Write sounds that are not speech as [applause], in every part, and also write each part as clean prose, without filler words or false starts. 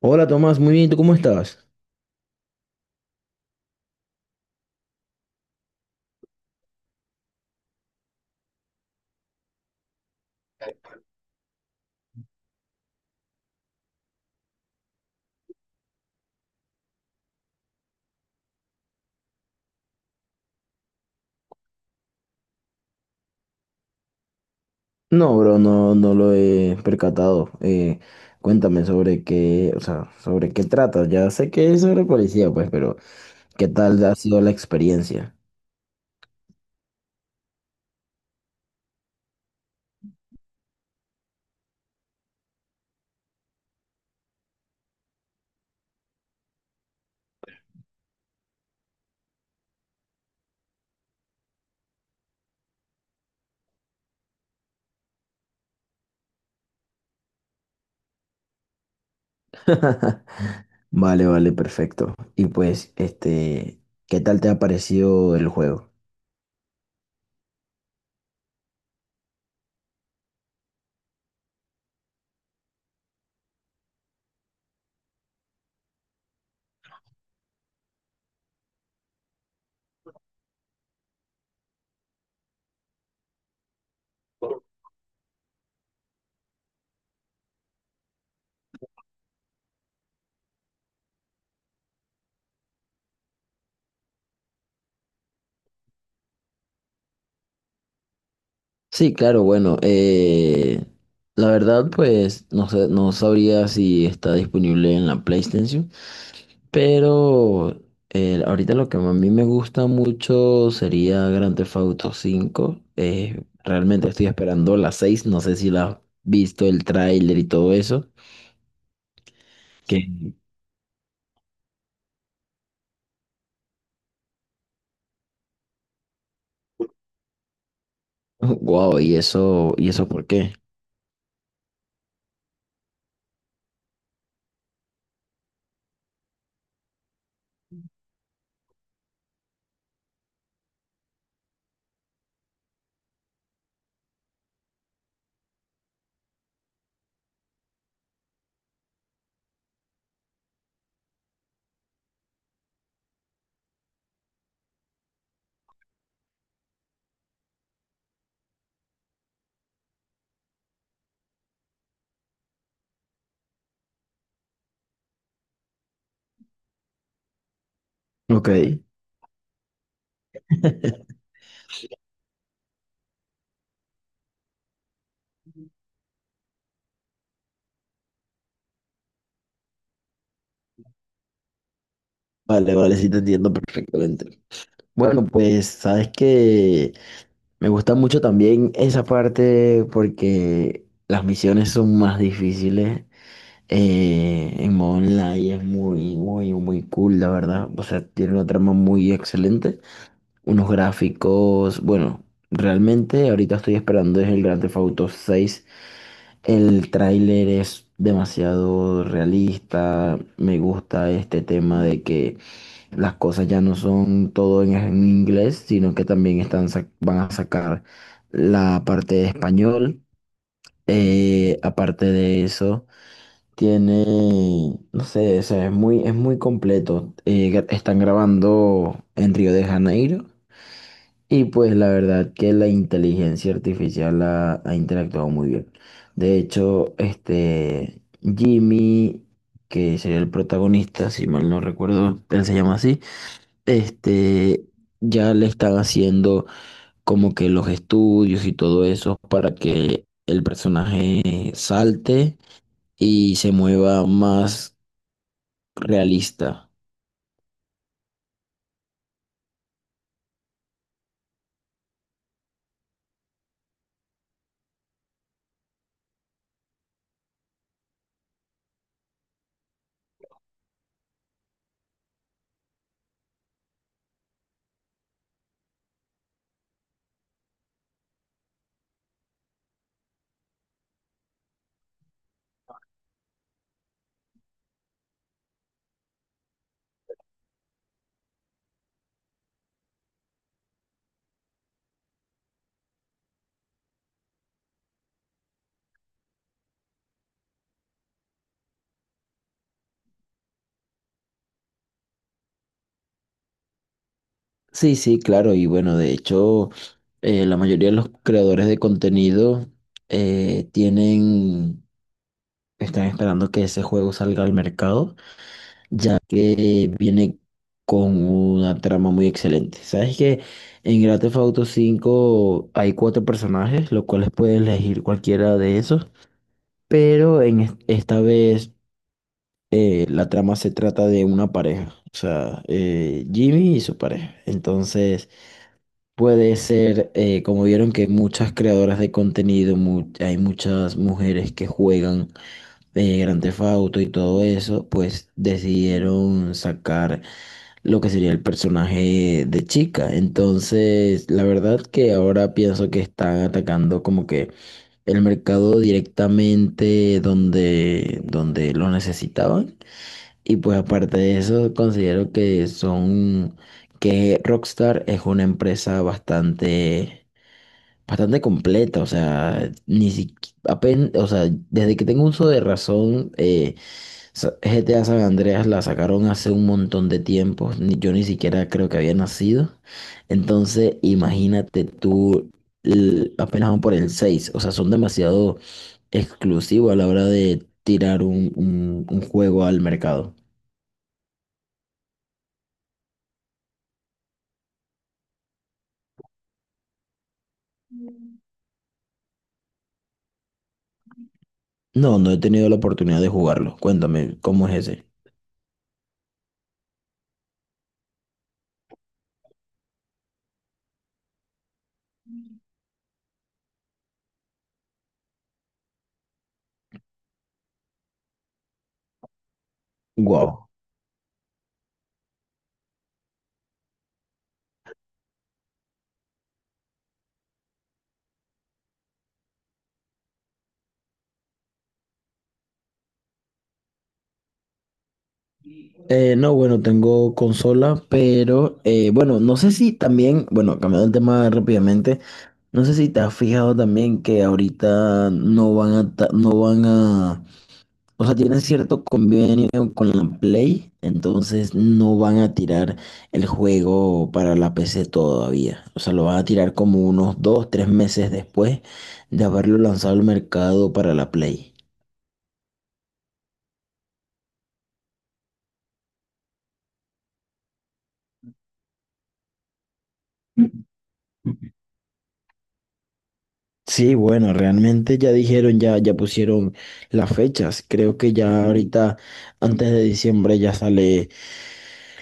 Hola Tomás, muy bien, ¿tú cómo estás? No, bro, no, no lo he percatado. Cuéntame sobre qué, o sea, sobre qué trata. Ya sé que es sobre policía, pues, pero ¿qué tal ha sido la experiencia? [laughs] Vale, vale, perfecto. Y pues, ¿qué tal te ha parecido el juego? Sí, claro, bueno, la verdad pues no sé, no sabría si está disponible en la PlayStation, pero ahorita lo que a mí me gusta mucho sería Grand Theft Auto 5. Realmente estoy esperando la 6. No sé si la has visto, el tráiler y todo eso. Que, wow, [laughs] y eso por qué? Ok. [laughs] Vale, vale, sí te entiendo perfectamente. Bueno, pues sabes que me gusta mucho también esa parte porque las misiones son más difíciles. En modo online es muy, muy, muy cool, la verdad. O sea, tiene una trama muy excelente. Unos gráficos, bueno, realmente ahorita estoy esperando es el Grand Theft Auto 6. El tráiler es demasiado realista. Me gusta este tema de que las cosas ya no son todo en inglés, sino que también van a sacar la parte de español. Aparte de eso. Tiene, no sé, o sea, es muy completo. Están grabando en Río de Janeiro y pues la verdad que la inteligencia artificial ha interactuado muy bien. De hecho, este Jimmy, que sería el protagonista, si mal no recuerdo, él se llama así, este, ya le están haciendo como que los estudios y todo eso para que el personaje salte y se mueva más realista. Sí, sí, claro. Y bueno, de hecho, la mayoría de los creadores de contenido eh, tienen, están esperando que ese juego salga al mercado, ya que viene con una trama muy excelente. Sabes que en Grand Theft Auto 5 hay cuatro personajes, los cuales puedes elegir cualquiera de esos, pero en esta vez la trama se trata de una pareja, o sea, Jimmy y su pareja. Entonces. Puede ser, como vieron que muchas creadoras de contenido, hay muchas mujeres que juegan Grand Theft Auto y todo eso, pues decidieron sacar lo que sería el personaje de chica. Entonces, la verdad que ahora pienso que están atacando como que el mercado directamente donde lo necesitaban. Y pues aparte de eso, considero que que Rockstar es una empresa bastante completa, o sea, ni apenas, o sea, desde que tengo uso de razón, GTA San Andreas la sacaron hace un montón de tiempo, yo ni siquiera creo que había nacido, entonces imagínate tú, apenas van por el 6, o sea, son demasiado exclusivos a la hora de tirar un juego al mercado. No, no he tenido la oportunidad de jugarlo, cuéntame, ¿cómo es ese? Wow. No, bueno, tengo consola, pero bueno, no sé si también, bueno, cambiando el tema rápidamente, no sé si te has fijado también que ahorita no van a, o sea, tienen cierto convenio con la Play, entonces no van a tirar el juego para la PC todavía, o sea, lo van a tirar como unos dos, tres meses después de haberlo lanzado al mercado para la Play. Sí, bueno, realmente ya dijeron, ya pusieron las fechas. Creo que ya ahorita, antes de diciembre, ya sale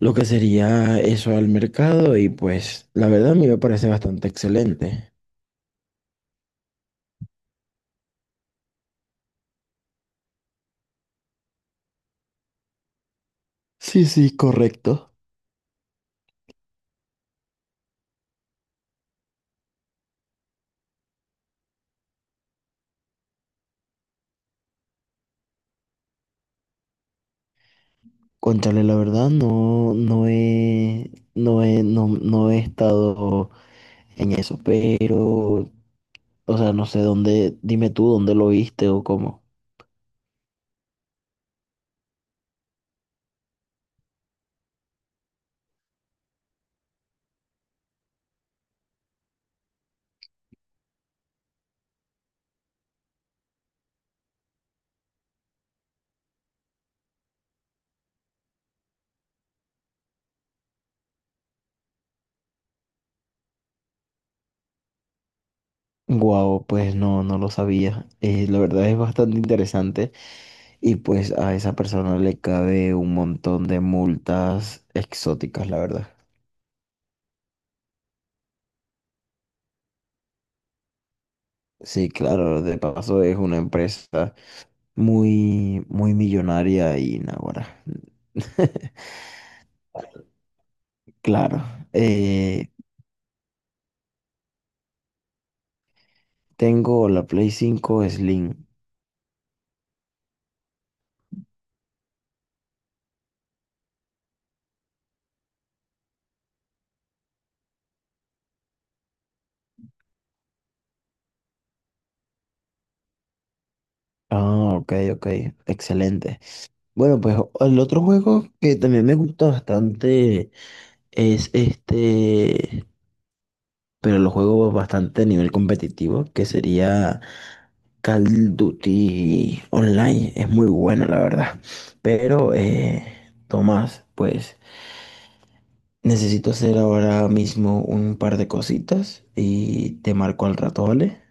lo que sería eso al mercado y pues la verdad a mí me parece bastante excelente. Sí, sí, correcto. Contarle la verdad, no he estado en eso, pero, o sea, no sé dónde, dime tú dónde lo viste o cómo. Guau, pues no, no lo sabía. La verdad es bastante interesante. Y pues a esa persona le cabe un montón de multas exóticas, la verdad. Sí, claro, de paso es una empresa muy, muy millonaria y naguará. [laughs] Claro, eh, tengo la Play 5 Slim. Ah, ok, ok, excelente. Bueno, pues el otro juego que también me gusta bastante es este, pero lo juego bastante a nivel competitivo, que sería Call of Duty Online es muy bueno, la verdad. Pero, Tomás, pues necesito hacer ahora mismo un par de cositas y te marco al rato, ¿vale?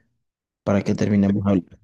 Para que terminemos hablando.